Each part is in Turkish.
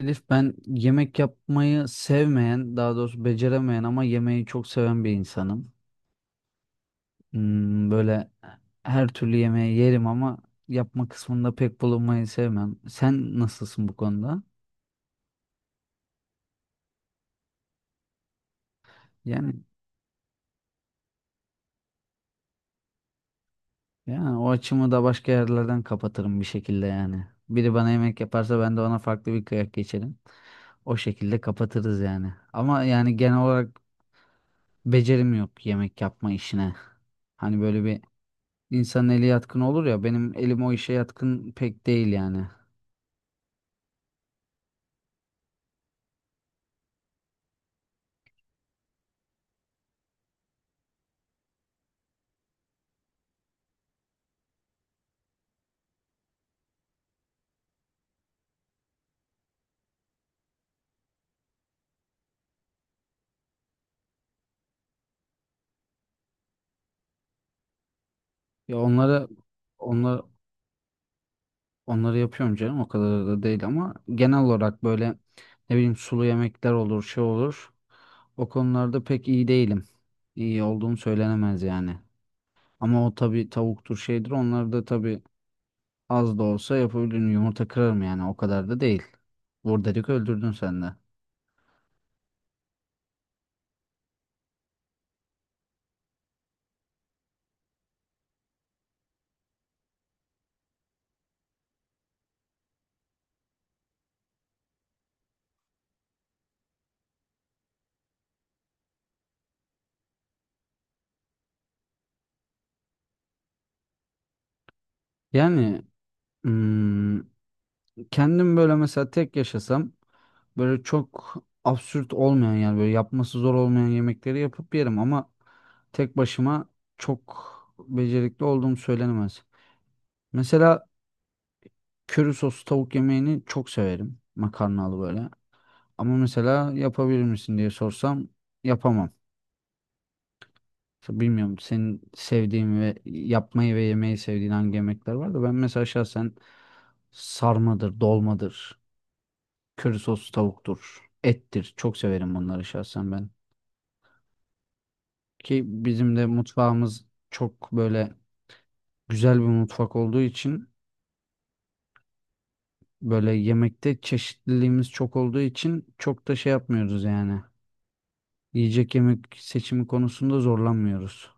Elif ben yemek yapmayı sevmeyen, daha doğrusu beceremeyen ama yemeği çok seven bir insanım. Böyle her türlü yemeği yerim ama yapma kısmında pek bulunmayı sevmem. Sen nasılsın bu konuda? Yani yani o açımı da başka yerlerden kapatırım bir şekilde yani. Biri bana yemek yaparsa ben de ona farklı bir kıyak geçerim. O şekilde kapatırız yani. Ama yani genel olarak becerim yok yemek yapma işine. Hani böyle bir İnsanın eli yatkın olur ya, benim elim o işe yatkın pek değil yani. Ya onları onları yapıyorum canım, o kadar da değil ama genel olarak böyle, ne bileyim, sulu yemekler olur, şey olur. O konularda pek iyi değilim. İyi olduğum söylenemez yani. Ama o tabii tavuktur şeydir, onları da tabii az da olsa yapabilirim, yumurta kırarım yani, o kadar da değil. Vur dedik öldürdün sen de. Yani hmm, kendim böyle mesela tek yaşasam, böyle çok absürt olmayan, yani böyle yapması zor olmayan yemekleri yapıp yerim ama tek başıma çok becerikli olduğum söylenemez. Mesela köri soslu tavuk yemeğini çok severim. Makarnalı böyle. Ama mesela yapabilir misin diye sorsam yapamam. İşte bilmiyorum senin sevdiğin ve yapmayı ve yemeyi sevdiğin hangi yemekler var da, ben mesela şahsen sarmadır, dolmadır. Köri soslu tavuktur. Ettir. Çok severim bunları şahsen ben. Ki bizim de mutfağımız çok böyle güzel bir mutfak olduğu için, böyle yemekte çeşitliliğimiz çok olduğu için çok da şey yapmıyoruz yani. Yiyecek yemek seçimi konusunda zorlanmıyoruz.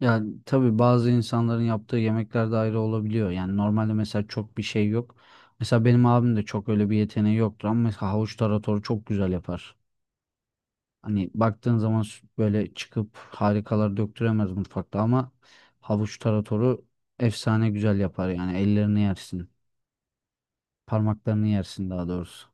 Yani tabii bazı insanların yaptığı yemekler de ayrı olabiliyor. Yani normalde mesela çok bir şey yok. Mesela benim abim de çok öyle bir yeteneği yoktur ama mesela havuç taratoru çok güzel yapar. Hani baktığın zaman böyle çıkıp harikalar döktüremez mutfakta ama havuç taratoru efsane güzel yapar yani, ellerini yersin. Parmaklarını yersin daha doğrusu.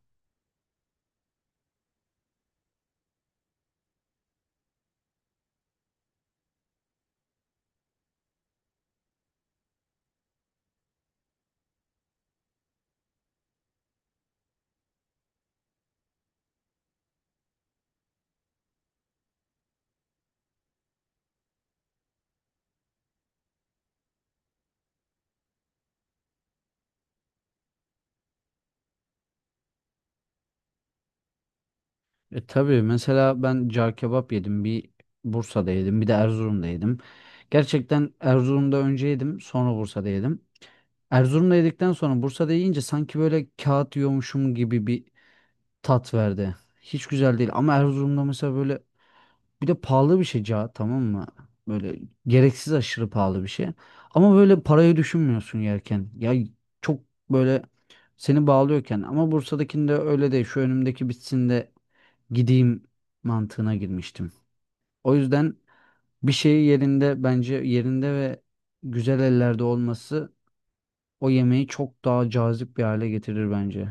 E tabii mesela ben car kebap yedim. Bursa'da yedim. Bir de Erzurum'da yedim. Gerçekten Erzurum'da önce yedim. Sonra Bursa'da yedim. Erzurum'da yedikten sonra Bursa'da yiyince sanki böyle kağıt yiyormuşum gibi bir tat verdi. Hiç güzel değil. Ama Erzurum'da mesela böyle... Bir de pahalı bir şey ca, tamam mı? Böyle gereksiz, aşırı pahalı bir şey. Ama böyle parayı düşünmüyorsun yerken. Ya çok böyle seni bağlıyorken. Ama Bursa'dakinde öyle değil. Şu önümdeki bitsin de gideyim mantığına girmiştim. O yüzden bir şeyi yerinde, bence yerinde ve güzel ellerde olması o yemeği çok daha cazip bir hale getirir bence.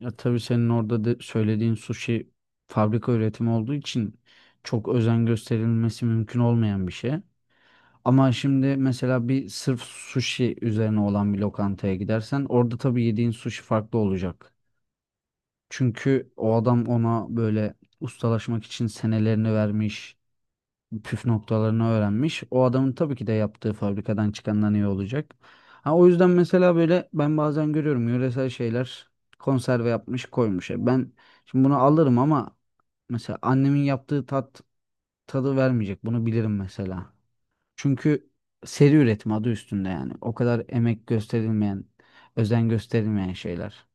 Ya tabii senin orada de söylediğin sushi fabrika üretimi olduğu için çok özen gösterilmesi mümkün olmayan bir şey. Ama şimdi mesela bir sırf sushi üzerine olan bir lokantaya gidersen, orada tabii yediğin sushi farklı olacak. Çünkü o adam ona böyle ustalaşmak için senelerini vermiş, püf noktalarını öğrenmiş. O adamın tabii ki de yaptığı fabrikadan çıkandan iyi olacak. Ha, o yüzden mesela böyle ben bazen görüyorum, yöresel şeyler konserve yapmış, koymuş. E ben şimdi bunu alırım ama mesela annemin yaptığı tadı vermeyecek. Bunu bilirim mesela. Çünkü seri üretim, adı üstünde yani. O kadar emek gösterilmeyen, özen gösterilmeyen şeyler.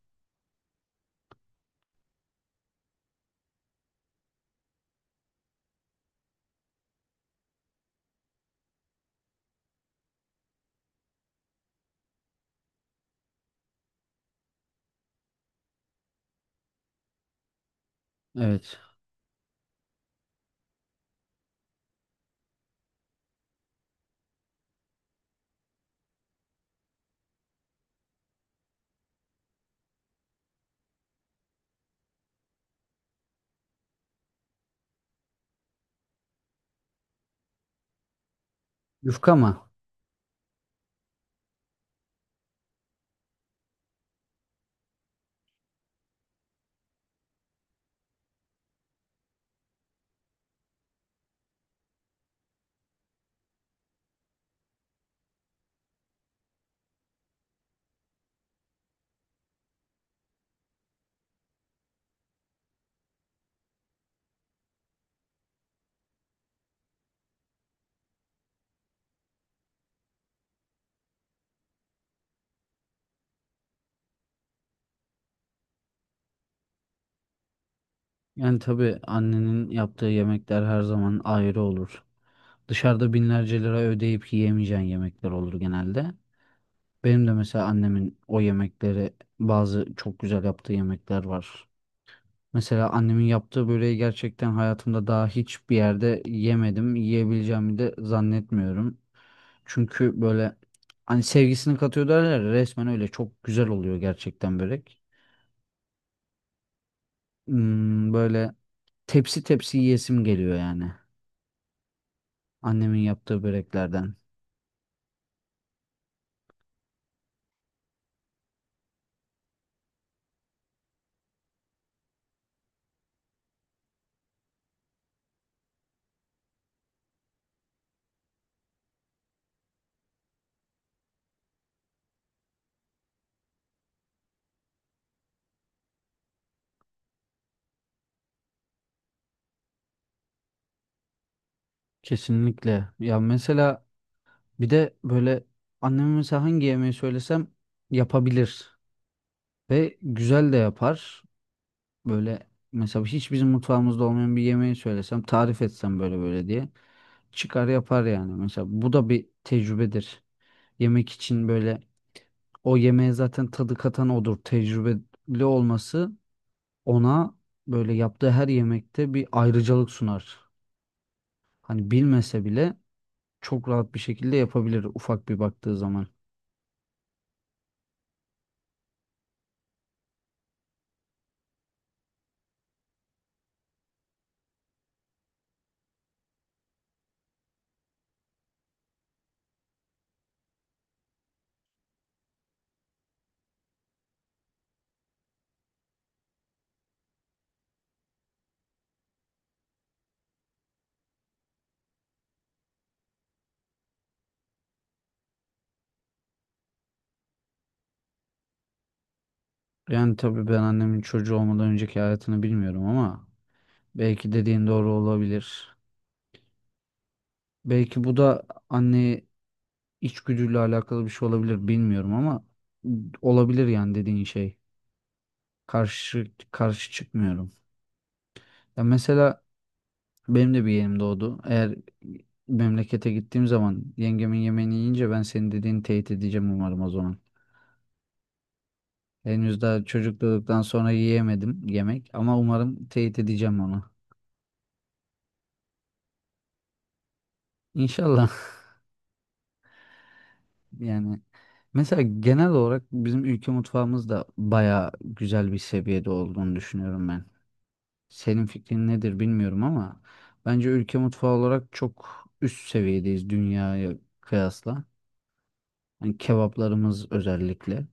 Evet. Yufka mı? Yani tabii annenin yaptığı yemekler her zaman ayrı olur. Dışarıda binlerce lira ödeyip yiyemeyeceğin yemekler olur genelde. Benim de mesela annemin o yemekleri, bazı çok güzel yaptığı yemekler var. Mesela annemin yaptığı böreği gerçekten hayatımda daha hiçbir yerde yemedim. Yiyebileceğimi de zannetmiyorum. Çünkü böyle, hani sevgisini katıyor derler ya, resmen öyle çok güzel oluyor gerçekten börek. Böyle tepsi tepsi yiyesim geliyor yani, annemin yaptığı böreklerden. Kesinlikle. Ya mesela, bir de böyle anneme mesela hangi yemeği söylesem yapabilir ve güzel de yapar. Böyle mesela hiç bizim mutfağımızda olmayan bir yemeği söylesem, tarif etsem böyle böyle diye, çıkar yapar yani. Mesela bu da bir tecrübedir. Yemek için böyle, o yemeğe zaten tadı katan odur. Tecrübeli olması ona böyle yaptığı her yemekte bir ayrıcalık sunar. Hani bilmese bile çok rahat bir şekilde yapabilir ufak bir baktığı zaman. Yani tabii ben annemin çocuğu olmadan önceki hayatını bilmiyorum ama belki dediğin doğru olabilir. Belki bu da anne içgüdüyle alakalı bir şey olabilir, bilmiyorum ama olabilir yani dediğin şey. Karşı çıkmıyorum. Ya mesela benim de bir yeğenim doğdu. Eğer memlekete gittiğim zaman yengemin yemeğini yiyince ben senin dediğini teyit edeceğim umarım o zaman. Henüz daha çocuk doğduktan sonra yiyemedim yemek ama umarım teyit edeceğim onu. İnşallah. Yani mesela genel olarak bizim ülke mutfağımız da baya güzel bir seviyede olduğunu düşünüyorum ben. Senin fikrin nedir bilmiyorum ama bence ülke mutfağı olarak çok üst seviyedeyiz dünyaya kıyasla. Hani kebaplarımız özellikle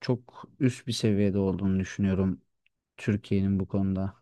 çok üst bir seviyede olduğunu düşünüyorum Türkiye'nin bu konuda.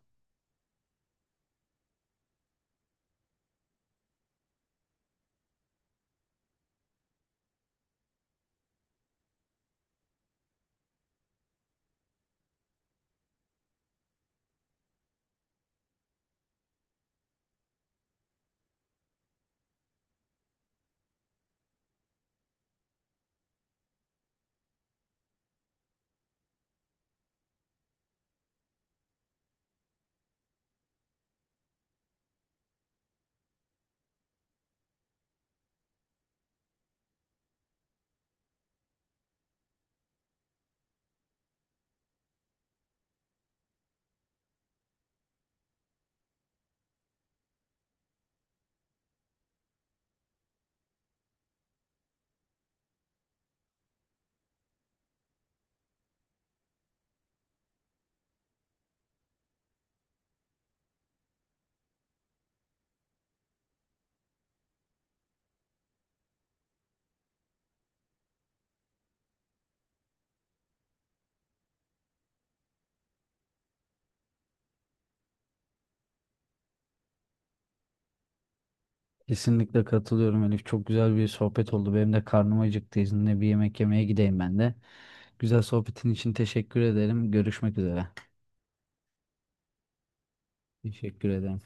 Kesinlikle katılıyorum Elif. Çok güzel bir sohbet oldu. Benim de karnım acıktı. İzninle bir yemek yemeye gideyim ben de. Güzel sohbetin için teşekkür ederim. Görüşmek üzere. Teşekkür ederim.